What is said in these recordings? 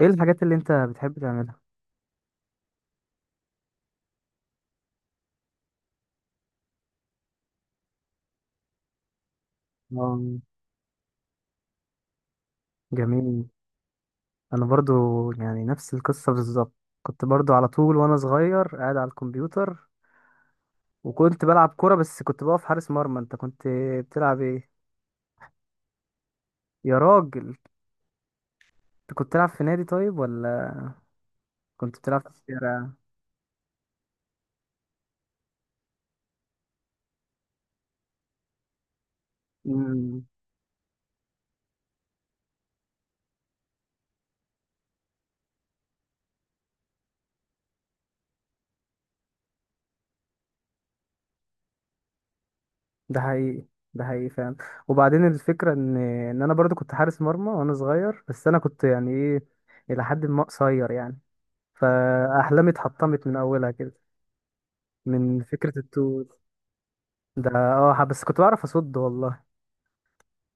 ايه الحاجات اللي انت بتحب تعملها؟ آه. جميل. انا برضو، يعني نفس القصة بالظبط. كنت برضو على طول وانا صغير قاعد على الكمبيوتر، وكنت بلعب كرة بس كنت بقف حارس مرمى. انت كنت بتلعب ايه؟ يا راجل. انت كنت بتلعب في نادي طيب ولا كنت بتلعب في الشارع؟ امم. ده حقيقي. ده حقيقي فعلا. وبعدين الفكرة ان انا برضو كنت حارس مرمى وانا صغير، بس انا كنت يعني ايه، الى حد ما قصير يعني، فاحلامي اتحطمت من اولها كده، من فكرة التوت ده. بس كنت بعرف اصد والله،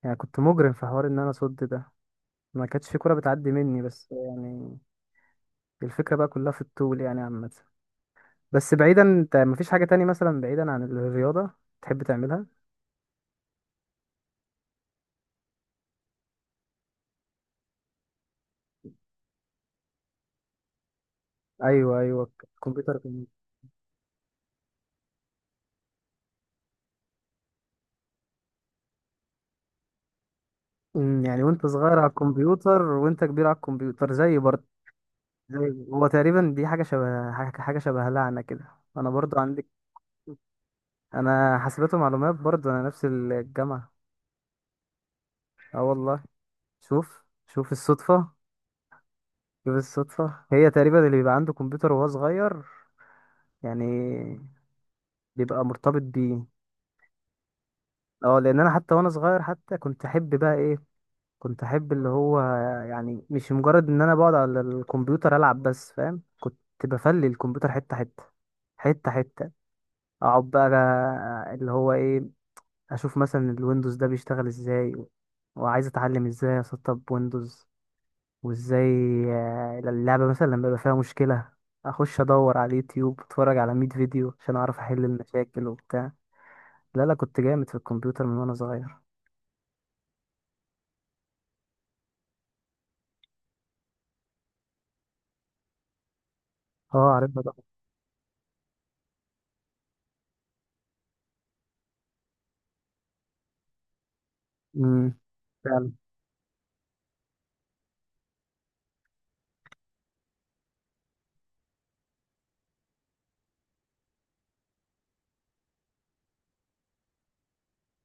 يعني كنت مجرم في حوار ان انا اصد ده، ما كانتش في كرة بتعدي مني بس يعني الفكرة بقى كلها في الطول يعني عامة. بس بعيدا، انت مفيش حاجة تاني مثلا بعيدا عن الرياضة تحب تعملها؟ ايوه، ايوه، الكمبيوتر يعني وانت صغير على الكمبيوتر وانت كبير على الكمبيوتر زي برضه، زي هو تقريبا. دي حاجة شبه حاجة حاجة شبه لعنة كده. انا برضو عندك، انا حاسبات ومعلومات برضو، انا نفس الجامعة. اه والله. شوف شوف الصدفة. شوف الصدفة، هي تقريبا اللي بيبقى عنده كمبيوتر وهو صغير يعني بيبقى مرتبط بيه. اه، لان انا حتى وانا صغير حتى كنت احب بقى ايه، كنت احب اللي هو، يعني مش مجرد ان انا بقعد على الكمبيوتر العب بس، فاهم، كنت بفلي الكمبيوتر حتة حتة، حتة حتة. اقعد بقى، اللي هو ايه، اشوف مثلا الويندوز ده بيشتغل ازاي، وعايز اتعلم ازاي اسطب ويندوز وازاي. اللعبة مثلا لما يبقى فيها مشكلة، اخش ادور على اليوتيوب، اتفرج على 100 فيديو عشان اعرف احل المشاكل وبتاع. لا، لا، كنت جامد في الكمبيوتر من وانا صغير. اه عارفها طبعا. امم. فعلا.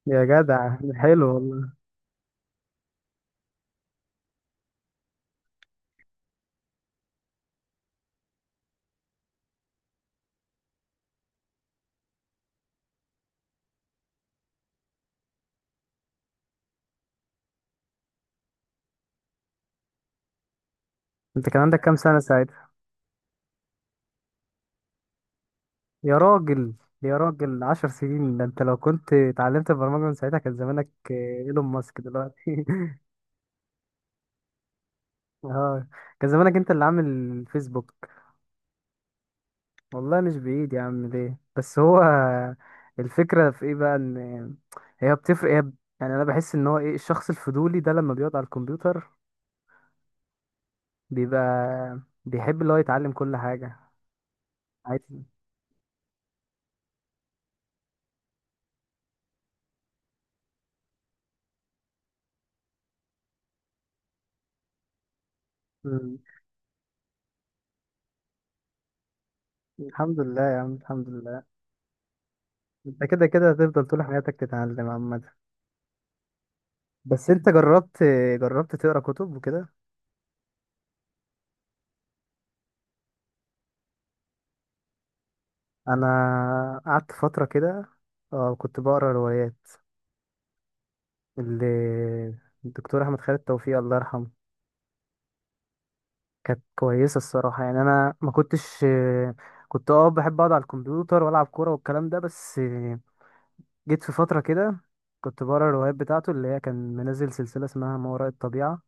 يا جدع حلو والله. انت كان عندك كام سنة ساعتها؟ يا راجل. يا راجل، 10 سنين، ده انت لو كنت اتعلمت البرمجة من ساعتها كان زمانك ايلون ماسك دلوقتي. اه، كان زمانك انت اللي عامل فيسبوك. والله مش بعيد يا عم. ليه بس هو، الفكرة في ايه بقى؟ ان هي بتفرق يعني انا بحس ان هو ايه الشخص الفضولي ده، لما بيقعد على الكمبيوتر بيبقى بيحب اللي هو يتعلم كل حاجة. عايز. مم. الحمد لله يا عم، الحمد لله. انت كده كده هتفضل طول حياتك تتعلم عامة. بس انت جربت تقرا كتب وكده؟ انا قعدت فترة كده، اه كنت بقرا روايات اللي الدكتور احمد خالد توفيق، الله يرحمه. كانت كويسة الصراحة. يعني أنا ما كنتش، كنت بحب أقعد على الكمبيوتر وألعب كورة والكلام ده بس. جيت في فترة كده كنت بقرا الروايات بتاعته، اللي هي كان منزل سلسلة اسمها ما وراء الطبيعة.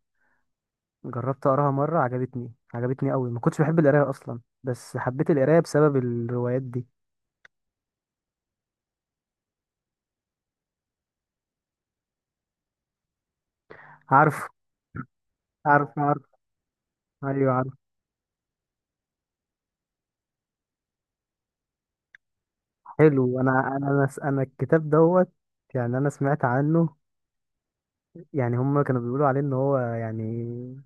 جربت أقراها مرة، عجبتني عجبتني أوي. ما كنتش بحب القراية أصلا، بس حبيت القراية بسبب الروايات دي. عارف. عارف عارف. أيوه عارف. حلو. أنا الكتاب دوت، يعني أنا سمعت عنه، يعني هما كانوا بيقولوا عليه إن هو يعني.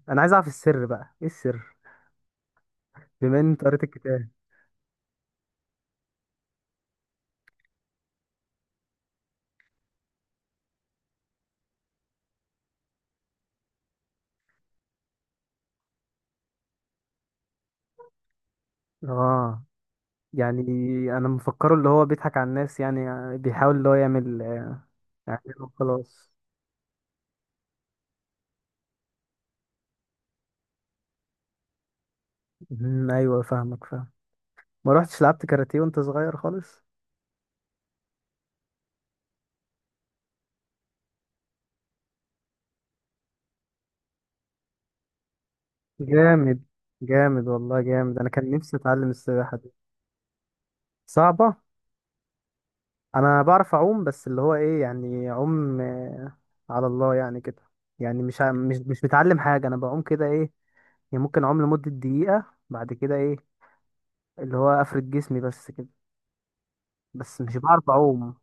أنا عايز أعرف السر بقى، إيه السر؟ بما ان انت قريت الكتاب. اه. يعني انا مفكره اللي هو بيضحك على الناس يعني، بيحاول اللي هو يعمل يعني، خلاص. مم، ايوه فاهمك فاهم. ما روحتش لعبت كاراتيه وانت صغير خالص؟ جامد. جامد والله، جامد. انا كان نفسي اتعلم السباحه دي. صعبه. انا بعرف اعوم بس اللي هو ايه، يعني اعوم على الله يعني كده. يعني مش ع- مش مش متعلم حاجه، انا بعوم كده ايه، يعني ممكن اعوم لمده دقيقه، بعد كده ايه اللي هو افرد جسمي بس. بس مش بعرف اعوم.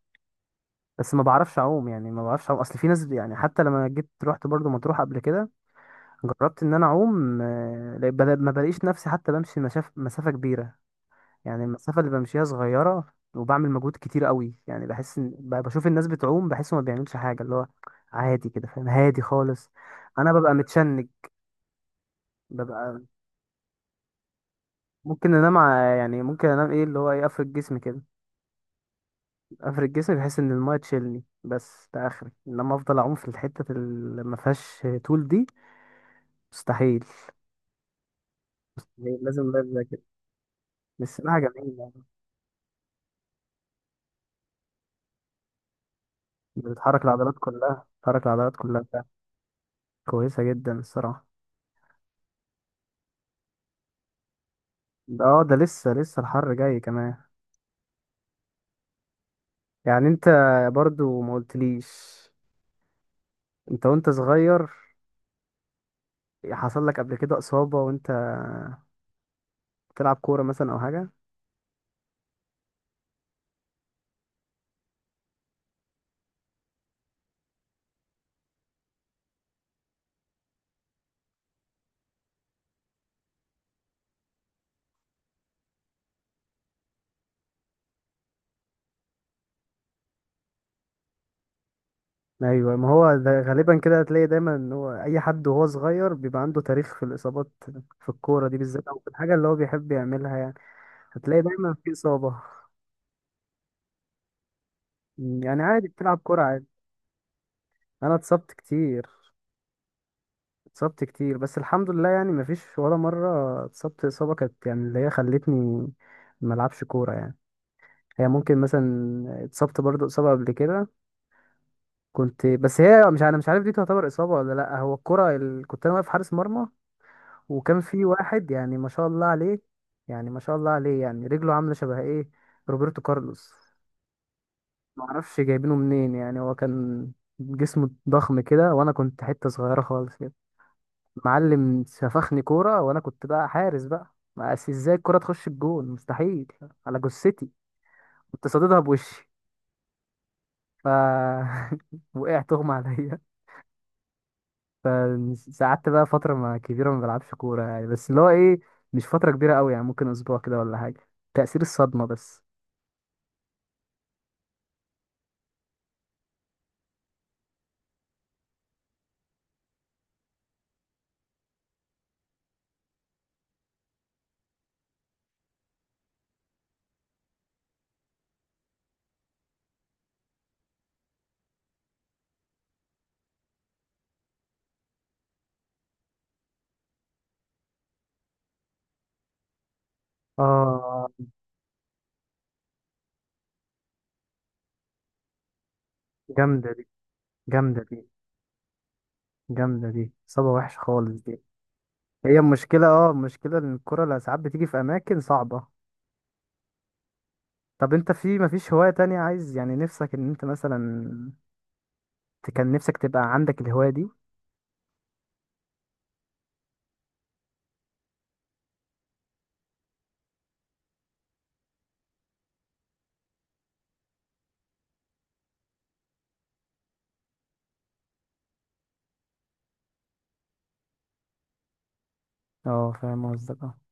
بس ما بعرفش اعوم، يعني ما بعرفش اعوم. اصل في ناس يعني، حتى لما جيت رحت برضو مطروح قبل كده، جربت ان انا اعوم ما بلاقيش نفسي حتى بمشي مسافة كبيرة. يعني المسافة اللي بمشيها صغيرة وبعمل مجهود كتير قوي. يعني بحس ان بشوف الناس بتعوم بحس ما بيعملش حاجة اللي هو عادي كده، فاهم، هادي خالص. انا ببقى متشنج، ببقى، ممكن انام يعني ممكن انام ايه اللي هو يقفل جسمي كده، افرد جسمي بحيث ان المايه تشيلني، بس ده اخري. انما افضل اعوم في الحته اللي ما فيهاش طول دي، مستحيل. هي لازم لازم زي كده. السباحه جميله. بتحرك العضلات كلها بتاع. كويسه جدا الصراحه. ده لسه لسه الحر جاي كمان. يعني انت برضو ما قلتليش، انت وانت صغير حصل لك قبل كده اصابه وانت بتلعب كوره مثلا او حاجه؟ ايوه، ما هو ده غالبا كده، هتلاقي دايما ان هو اي حد وهو صغير بيبقى عنده تاريخ في الاصابات في الكوره دي بالذات، او في الحاجه اللي هو بيحب يعملها يعني، هتلاقي دايما في اصابه. يعني عادي بتلعب كوره عادي. انا اتصبت كتير. اتصبت كتير بس الحمد لله، يعني مفيش ولا مره اتصبت اصابه كانت يعني اللي هي خلتني ما العبش كوره يعني. هي ممكن مثلا اتصبت برضو اصابه قبل كده كنت، بس هي مش، انا مش عارف دي تعتبر اصابه ولا لا. هو الكوره كنت انا واقف حارس مرمى، وكان في واحد يعني ما شاء الله عليه، يعني ما شاء الله عليه، يعني رجله عامله شبه ايه، روبرتو كارلوس، ما اعرفش جايبينه منين، يعني هو كان جسمه ضخم كده وانا كنت حته صغيره خالص كده. معلم سفخني كوره وانا كنت بقى حارس بقى، ما أس- ازاي الكوره تخش الجون، مستحيل، على جثتي. كنت صاددها بوشي، ف وقعت اغمى عليا. فقعدت بقى فترة ما كبيرة ما بلعبش كورة يعني، بس اللي هو ايه، مش فترة كبيرة قوي، يعني ممكن اسبوع كده ولا حاجة، تأثير الصدمة بس. اه، جامدة دي، جامدة دي. جامدة دي، صدمة وحشة خالص دي. هي المشكلة ان الكورة اللي ساعات بتيجي في اماكن صعبة. طب انت، في مفيش هواية تانية عايز يعني نفسك ان انت مثلا كان نفسك تبقى عندك الهواية دي؟ اه فاهم قصدك اه.